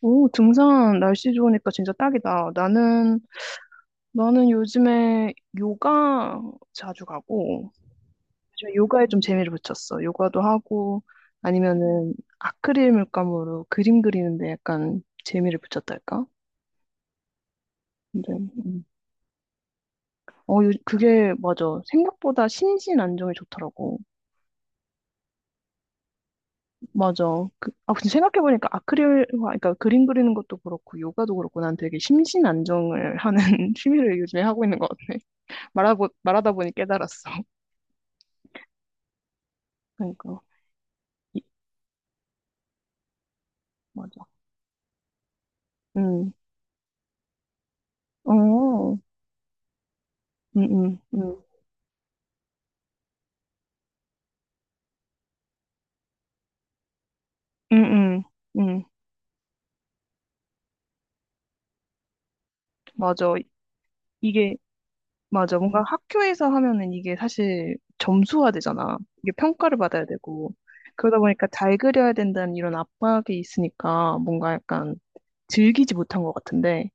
오, 등산 날씨 좋으니까 진짜 딱이다. 나는 요즘에 요가 자주 가고, 요즘 요가에 좀 재미를 붙였어. 요가도 하고, 아니면은 아크릴 물감으로 그림 그리는데 약간 재미를 붙였달까? 근데, 그게, 맞아. 생각보다 심신 안정이 좋더라고. 맞아. 근데 생각해보니까 아크릴, 그러니까 그림 그리는 것도 그렇고, 요가도 그렇고, 난 되게 심신 안정을 하는 취미를 요즘에 하고 있는 것 같아. 말하고, 말하다 보니 깨달았어. 그러니까. 이- 맞아. 음. 어. 음, 음, 음. 음, 음. 음. 맞아. 이게, 맞아. 뭔가 학교에서 하면은 이게 사실 점수화 되잖아. 이게 평가를 받아야 되고. 그러다 보니까 잘 그려야 된다는 이런 압박이 있으니까 뭔가 약간 즐기지 못한 것 같은데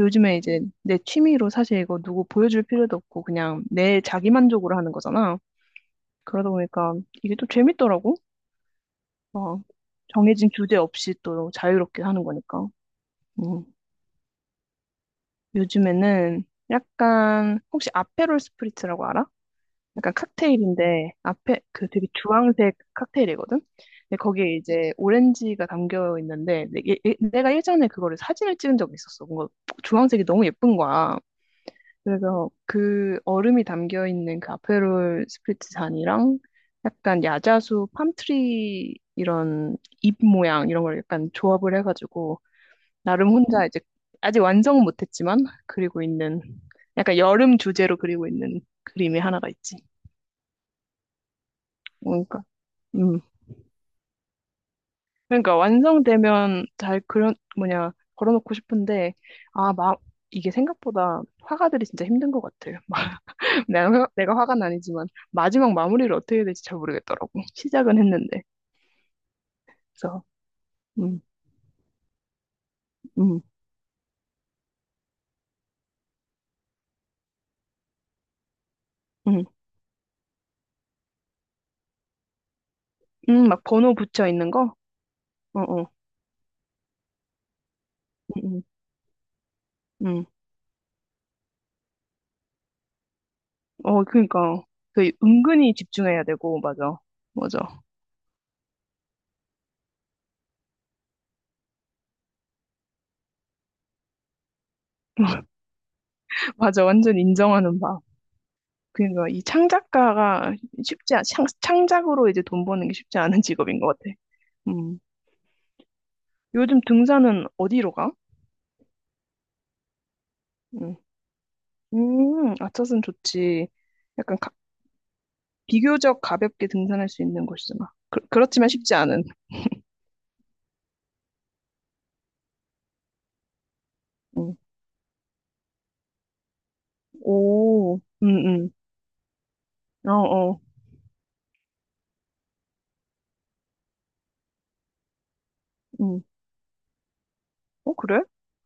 요즘에 이제 내 취미로 사실 이거 누구 보여줄 필요도 없고 그냥 내 자기 만족으로 하는 거잖아. 그러다 보니까 이게 또 재밌더라고. 어, 정해진 규제 없이 또 자유롭게 하는 거니까. 음. 요즘에는 약간 혹시 아페롤 스프리츠라고 알아? 약간 칵테일인데 앞에 그 되게 주황색 칵테일이거든. 근데 거기에 이제 오렌지가 담겨 있는데 내가 예전에 그거를 사진을 찍은 적이 있었어. 뭔가 주황색이 너무 예쁜 거야. 그래서 그 얼음이 담겨 있는 그 아페롤 스프리트 잔이랑 약간 야자수 팜트리 이런 잎 모양 이런 걸 약간 조합을 해가지고 나름 혼자 이제 아직 완성은 못했지만 그리고 있는 약간 여름 주제로 그리고 있는 그림이 하나가 있지. 그러니까 음 그러니까 완성되면 잘 그런 뭐냐 걸어놓고 싶은데 막 이게 생각보다 화가들이 진짜 힘든 것 같아요. 내가 화가 나니지만 마지막 마무리를 어떻게 해야 될지 잘 모르겠더라고. 시작은 했는데. 그래서 음, 음, 음, 막 번호 붙여 있는 거? 어, 어, 음, 음, 음. 어, 그러니까 그 은근히 집중해야 되고 맞아, 맞아, 맞아. 완전 인정하는 바. 그러니까 이 창작가가 창작으로 이제 돈 버는 게 쉽지 않은 직업인 것 같아. 음. 요즘 등산은 어디로 가? 음, 아차산 좋지. 약간 비교적 가볍게 등산할 수 있는 곳이잖아. 그렇지만 쉽지 않은. 응. 오, 응, 응. 어, 어, 응. 어, 그래?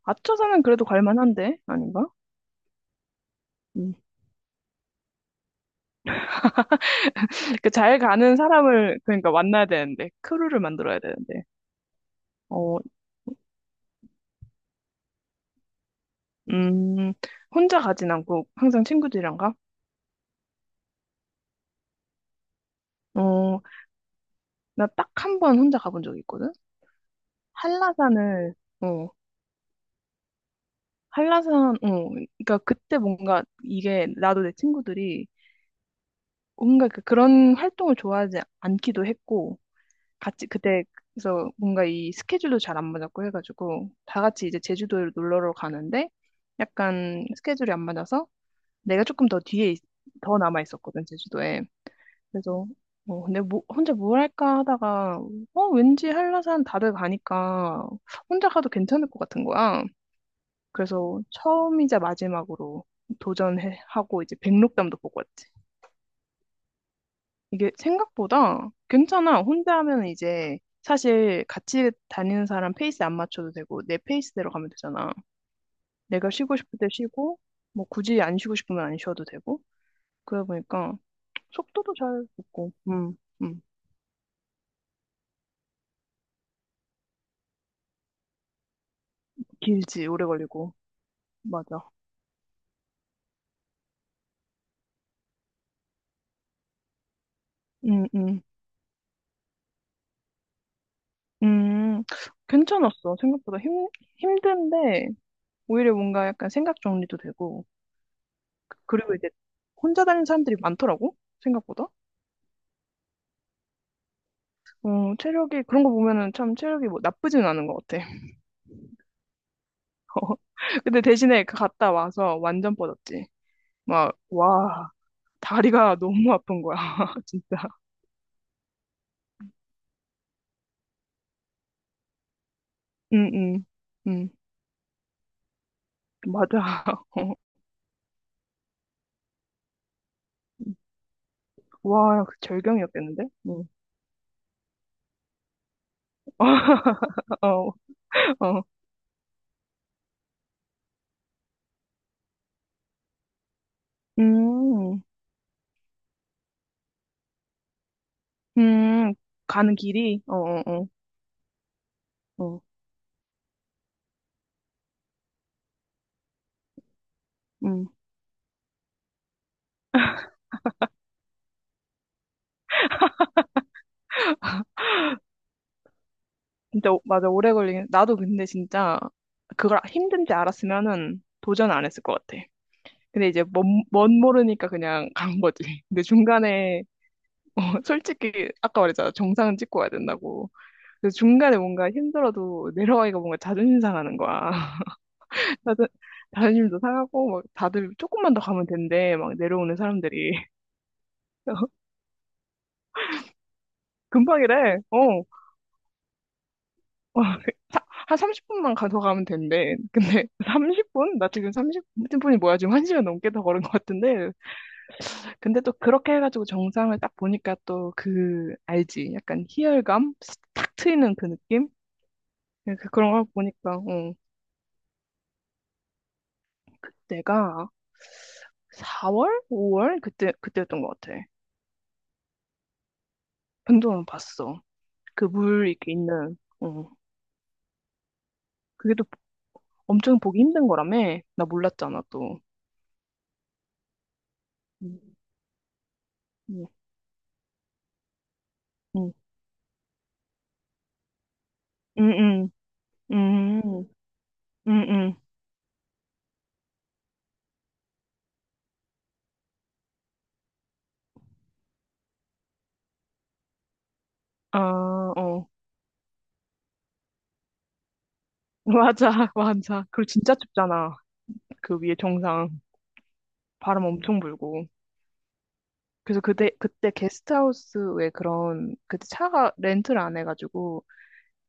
아차산은 그래도 갈만한데? 아닌가? 응. 그 잘 가는 사람을, 그러니까 만나야 되는데, 크루를 만들어야 되는데. 어, 음, 혼자 가진 않고 항상 친구들이랑 가? 어, 나 딱 한 번 혼자 가본 적이 있거든? 한라산을, 어, 한라산, 어, 그러니까 그때 뭔가 이게 나도 내 친구들이 뭔가 그런 활동을 좋아하지 않기도 했고, 같이 그때, 그래서 뭔가 이 스케줄도 잘 안 맞았고 해가지고, 다 같이 이제 제주도를 놀러 가는데, 약간 스케줄이 안 맞아서, 내가 조금 더 뒤에, 더 남아 있었거든, 제주도에. 그래서, 어, 근데 뭐, 혼자 뭘 할까 하다가, 어, 왠지 한라산 다들 가니까, 혼자 가도 괜찮을 것 같은 거야. 그래서 처음이자 마지막으로 도전하고, 이제 백록담도 보고 왔지. 이게 생각보다 괜찮아. 혼자 하면 이제 사실 같이 다니는 사람 페이스 안 맞춰도 되고 내 페이스대로 가면 되잖아. 내가 쉬고 싶을 때 쉬고 뭐 굳이 안 쉬고 싶으면 안 쉬어도 되고 그러다 보니까 속도도 잘 붙고 음. 길지 오래 걸리고 맞아. 음, 음. 음, 괜찮았어. 생각보다 힘든데 오히려 뭔가 약간 생각 정리도 되고 그리고 이제 혼자 다니는 사람들이 많더라고 생각보다. 어, 체력이, 그런 거 보면은 참 체력이 뭐 나쁘진 않은 것 같아. 근데 대신에 그 갔다 와서 완전 뻗었지. 막, 와, 다리가 너무 아픈 거야. 진짜. 응, 응, 응. 맞아. 어. 와, 그 절경이었겠는데? 응. 어, 어. 음, 음, 가는 길이? 어, 어, 어. 어. 음. 진짜, 맞아, 오래 걸리긴. 나도 근데 진짜 그걸 힘든지 알았으면은 도전 안 했을 것 같아. 근데 이제 뭔 모르니까 그냥 간 거지. 근데 중간에 어, 솔직히 아까 말했잖아. 정상은 찍고 와야 된다고. 그래서 중간에 뭔가 힘들어도 내려가기가 뭔가 자존심 상하는 거야. 자존, 자존심도 상하고 막 다들 조금만 더 가면 된대. 막 내려오는 사람들이. 금방이래. 어. 어, 사- 한 30분만 가, 더 가면 된대. 근데 30분? 나 지금 30분이 뭐야? 지금 1시간 넘게 더 걸은 것 같은데. 근데 또 그렇게 해가지고 정상을 딱 보니까 또 그, 알지? 약간 희열감? 탁 트이는 그 느낌? 예, 그런 걸 보니까, 어, 그때가 4월? 5월? 그때였던 것 같아. 변동은 봤어. 그 물 이렇게 있는, 어. 그게 또 엄청 보기 힘든 거라며? 나 몰랐잖아, 또. 응, 응, 응, 응, 응, 응, 응. 아, 어. 맞아, 맞아. 그리고 진짜 춥잖아. 그 위에 정상. 바람 엄청 불고. 그래서 그때 게스트하우스에 그런 그때 차가 렌트를 안 해가지고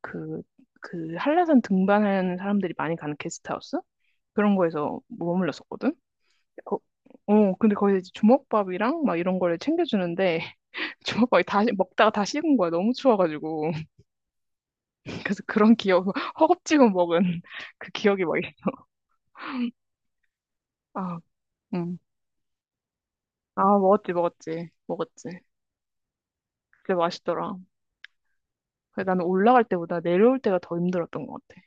그 한라산 등반하는 사람들이 많이 가는 게스트하우스 그런 거에서 머물렀었거든. 거- 어 근데 거기서 이제 주먹밥이랑 막 이런 거를 챙겨주는데 주먹밥이 다 먹다가 다 식은 거야 너무 추워가지고 그래서 그런 기억 허겁지겁 먹은 그 기억이 막 아, 응. 아, 먹었지, 먹었지, 먹었지. 근데 맛있더라. 그래, 나는 올라갈 때보다 내려올 때가 더 힘들었던 것 같아.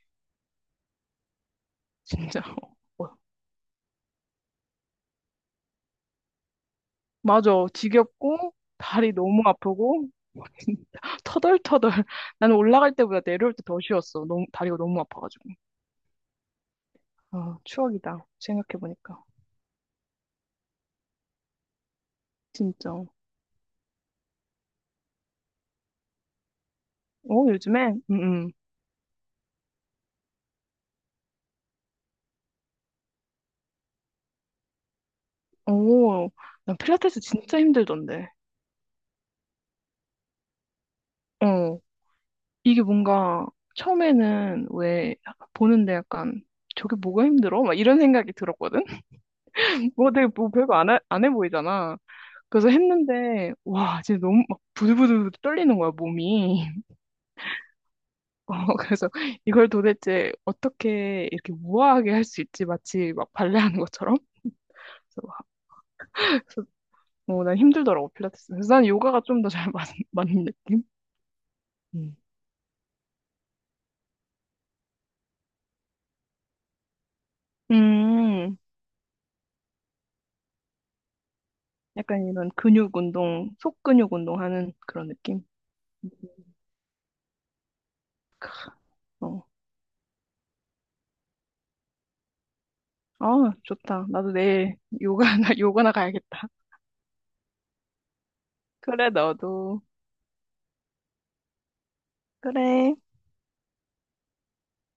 진짜. 맞아. 지겹고, 다리 너무 아프고, 진짜 터덜터덜. 나는 올라갈 때보다 내려올 때 더 쉬웠어. 너무, 다리가 너무 아파가지고. 아, 추억이다. 생각해보니까. 진짜. 어, 요즘에? 응, 응. 오, 난 필라테스 진짜 힘들던데. 어, 이게 뭔가, 처음에는 왜, 보는데 약간, 저게 뭐가 힘들어? 막 이런 생각이 들었거든? 뭐 되게 뭐 별거 안 해 보이잖아. 그래서 했는데, 와, 진짜 너무 막 부들부들 떨리는 거야, 몸이. 어, 그래서 이걸 도대체 어떻게 이렇게 우아하게 할 수 있지? 마치 막 발레하는 것처럼. 그래서 그래서 어, 난 힘들더라고, 필라테스. 그래서 난 요가가 좀 더 잘 맞는, 맞는 느낌? 음. 음, 약간 이런 근육 운동, 속근육 운동하는 그런 느낌? 어. 아, 좋다. 나도 내일 요가나, 요가나 가야겠다. 그래, 너도. 그래.